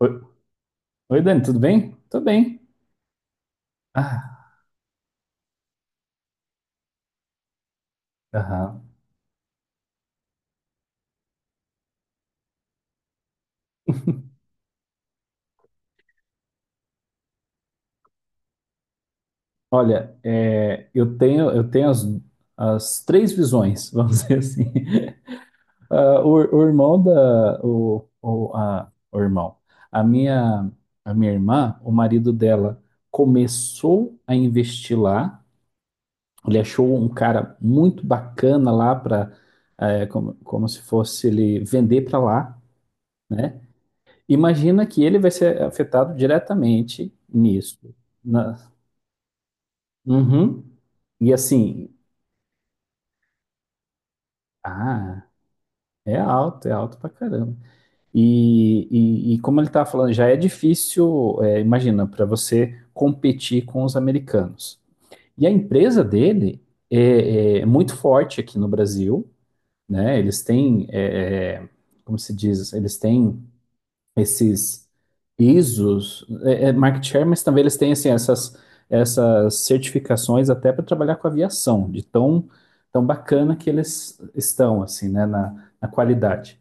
Oi, Dani, tudo bem? Tô bem. Ah, aham. Olha, eu tenho as, as três visões, vamos dizer assim. Ah, o irmão da, o, a, o irmão, a minha, a minha irmã, o marido dela começou a investir lá. Ele achou um cara muito bacana lá para, como se fosse ele vender para lá, né? Imagina que ele vai ser afetado diretamente nisso. Na- Uhum. E assim, ah, é alto pra caramba. E como ele tá falando, já é difícil, imagina, para você competir com os americanos. E a empresa dele é muito forte aqui no Brasil, né? Eles têm, como se diz, eles têm esses ISOs, é market share, mas também eles têm assim, essas certificações até para trabalhar com aviação, de tão, tão bacana que eles estão assim, né, na qualidade.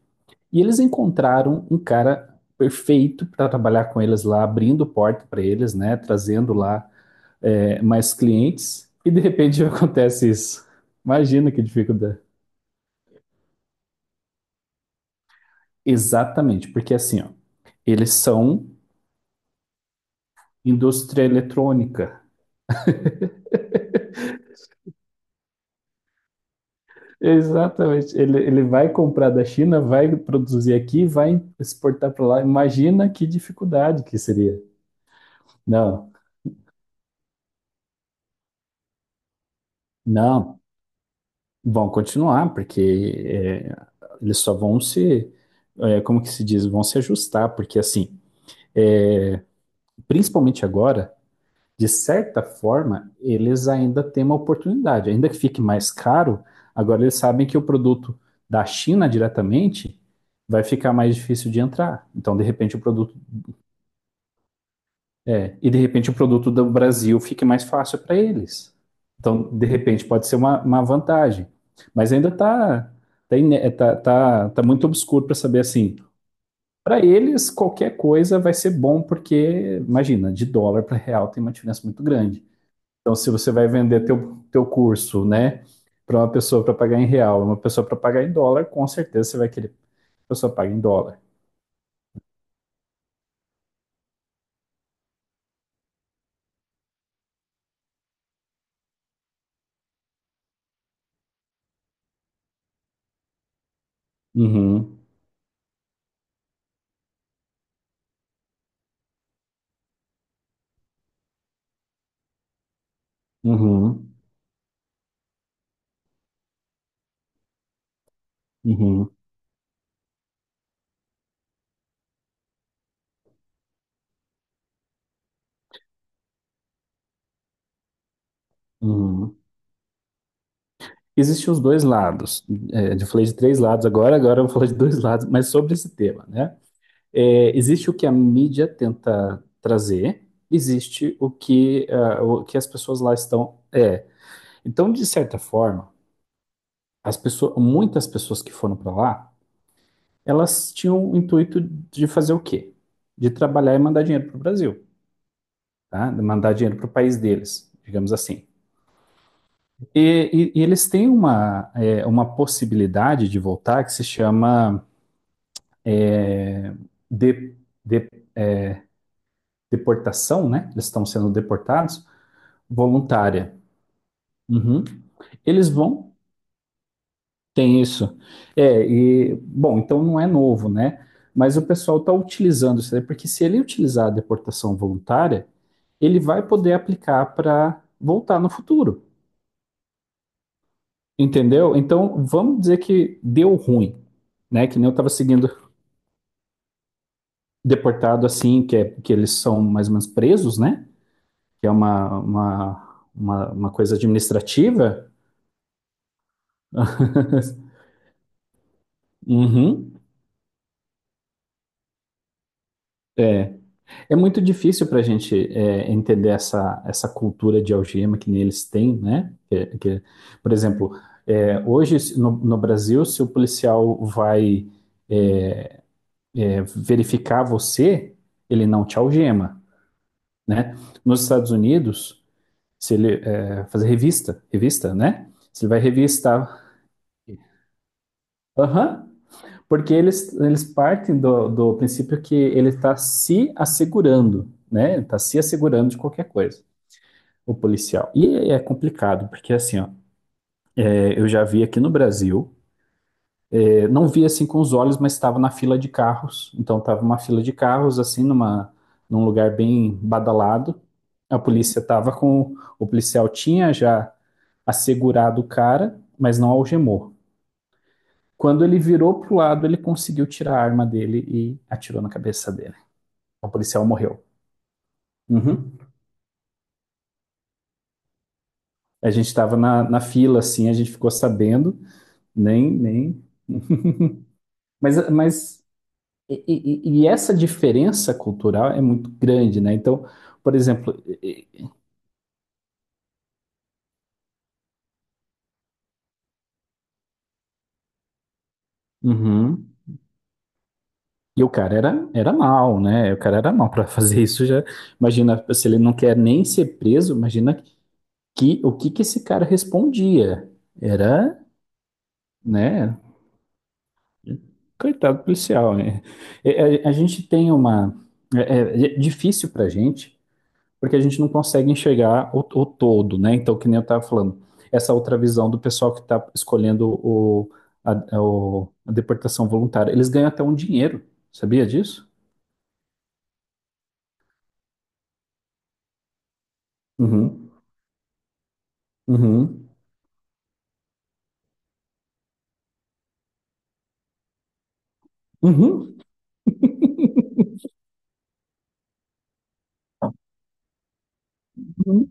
E eles encontraram um cara perfeito para trabalhar com eles lá, abrindo porta para eles, né, trazendo lá mais clientes, e de repente acontece isso. Imagina que dificuldade. Exatamente, porque assim, ó, eles são indústria eletrônica. Exatamente. Ele vai comprar da China, vai produzir aqui, vai exportar para lá. Imagina que dificuldade que seria. Não, não. Vão continuar, porque é, eles só vão se, como que se diz, vão se ajustar, porque assim, é, principalmente agora, de certa forma, eles ainda têm uma oportunidade. Ainda que fique mais caro, agora eles sabem que o produto da China diretamente vai ficar mais difícil de entrar. Então, de repente, o produto E de repente o produto do Brasil fique mais fácil para eles. Então, de repente, pode ser uma vantagem. Mas ainda está tá, tá muito obscuro para saber assim. Para eles, qualquer coisa vai ser bom, porque, imagina, de dólar para real tem uma diferença muito grande. Então, se você vai vender teu curso, né, para uma pessoa para pagar em real, uma pessoa para pagar em dólar, com certeza você vai querer que a pessoa pague em dólar. Uhum, uhum, uhum, uhum. Existem os dois lados. É, eu falei de três lados agora, agora eu vou falar de dois lados, mas sobre esse tema, né? É, existe o que a mídia tenta trazer, existe o que, o que as pessoas lá estão. É. Então, de certa forma, muitas pessoas que foram para lá, elas tinham o intuito de fazer o quê? De trabalhar e mandar dinheiro para o Brasil, tá? De mandar dinheiro para o país deles, digamos assim. E eles têm uma, uma possibilidade de voltar que se chama de, de- deportação, né? Eles estão sendo deportados, voluntária. Uhum. Eles vão, tem isso. É, e, bom, então não é novo, né? Mas o pessoal está utilizando isso porque se ele utilizar a deportação voluntária, ele vai poder aplicar para voltar no futuro, entendeu? Então, vamos dizer que deu ruim, né? Que nem eu estava seguindo deportado assim, que, que eles são mais ou menos presos, né? Que é uma, uma coisa administrativa. Uhum. É, é muito difícil para a gente entender essa, essa cultura de algema que eles têm, né? Por exemplo, hoje no Brasil, se o policial vai é, verificar você, ele não te algema, né? Nos Estados Unidos, se ele fazer revista, né? Se ele vai revistar, aham. Porque eles partem do princípio que ele está se assegurando, né? Está se assegurando de qualquer coisa, o policial. E é complicado, porque assim, ó, eu já vi aqui no Brasil, não vi assim com os olhos, mas estava na fila de carros. Então estava uma fila de carros, assim, num lugar bem badalado. A polícia estava com. O policial tinha já assegurado o cara, mas não algemou. Quando ele virou pro lado, ele conseguiu tirar a arma dele e atirou na cabeça dele. O policial morreu. Uhum. A gente estava na fila, assim, a gente ficou sabendo, nem. Mas e essa diferença cultural é muito grande, né? Então, por exemplo, uhum. E o cara era, era mal, né? O cara era mal para fazer isso. Já imagina se ele não quer nem ser preso, imagina que o que que esse cara respondia? Era, né? Coitado do policial, né? A gente tem uma é difícil para gente porque a gente não consegue enxergar o todo, né? Então, que nem eu estava falando, essa outra visão do pessoal que está escolhendo a deportação voluntária, eles ganham até um dinheiro, sabia disso? Uhum, uhum, uhum, uhum,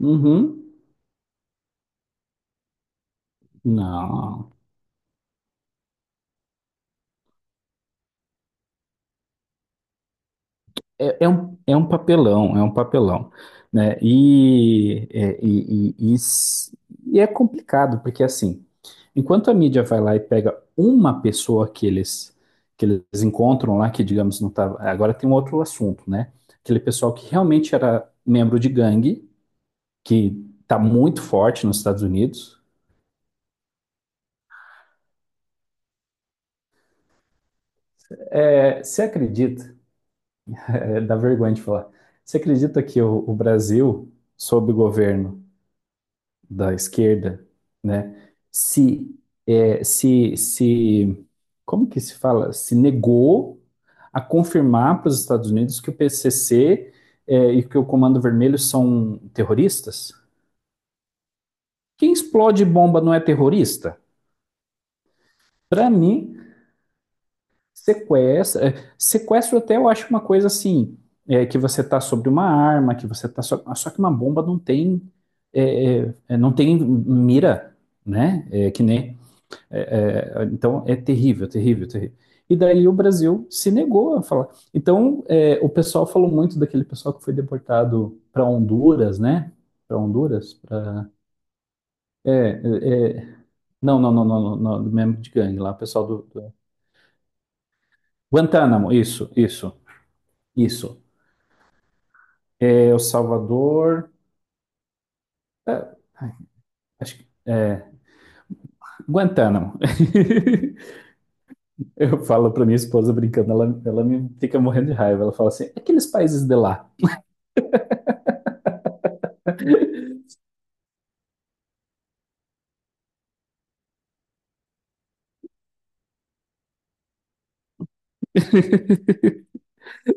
uhum. Não. É, é um papelão, né? E é complicado, porque assim, enquanto a mídia vai lá e pega uma pessoa que eles encontram lá, que digamos não tava. Agora tem um outro assunto, né? Aquele pessoal que realmente era membro de gangue, que tá muito forte nos Estados Unidos. É, você acredita, dá vergonha de falar, você acredita que o Brasil, sob o governo da esquerda, né, se, como que se fala? Se negou a confirmar para os Estados Unidos que o PCC e que o Comando Vermelho são terroristas? Quem explode bomba não é terrorista? Para mim, sequestro até eu acho uma coisa assim, que você está sobre uma arma, que você está só, só que uma bomba não tem não tem mira, né? É, que nem então é terrível, terrível, terrível. E daí o Brasil se negou a falar. Então é, o pessoal falou muito daquele pessoal que foi deportado para Honduras, né? Para Honduras? Pra... É, é, não, não, não, não, não, não, membro de gangue lá, pessoal do, do... Guantánamo, isso, isso, isso. É, o Salvador. é, acho que. É, Guantánamo. Eu falo para minha esposa brincando, ela me fica morrendo de raiva. Ela fala assim: aqueles países de lá.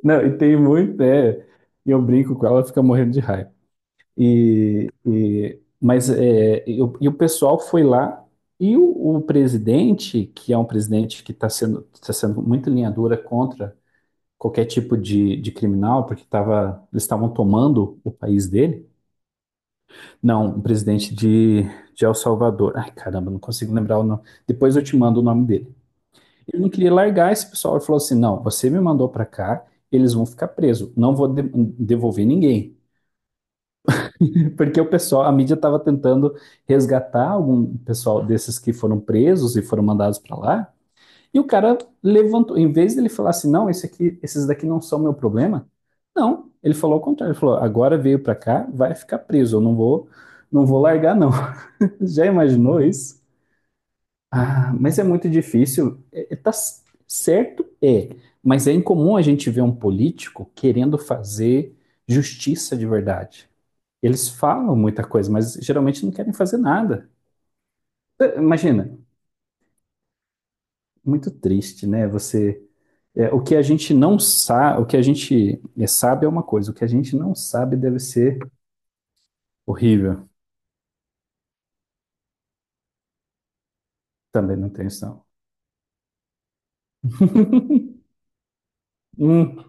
Não, e tem muito, é. E eu brinco com ela, ela fica morrendo de raiva. E o pessoal foi lá e o presidente, que é um presidente que está sendo, tá sendo muito linha dura contra qualquer tipo de criminal, porque tava, eles estavam tomando o país dele. Não, o presidente de El Salvador. Ai, caramba, não consigo lembrar o nome. Depois eu te mando o nome dele. Ele não queria largar esse pessoal. Ele falou assim: não, você me mandou para cá, eles vão ficar presos. Não vou de- devolver ninguém. Porque o pessoal, a mídia estava tentando resgatar algum pessoal desses que foram presos e foram mandados para lá. E o cara levantou, em vez dele falar assim: não, esse aqui, esses daqui não são meu problema. Não, ele falou o contrário. Ele falou: agora veio para cá, vai ficar preso. Eu não vou, não vou largar, não. Já imaginou isso? Ah, mas é muito difícil. Tá certo, é. Mas é incomum a gente ver um político querendo fazer justiça de verdade. Eles falam muita coisa, mas geralmente não querem fazer nada. Imagina, muito triste, né? Você, o que a gente não sabe, o que a gente sabe é uma coisa, o que a gente não sabe deve ser horrível. Também não tem isso, não. Hum,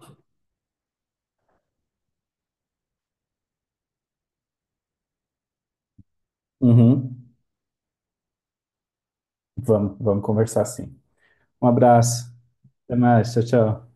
uhum. Vamos conversar sim. Um abraço. Até mais. Tchau, tchau.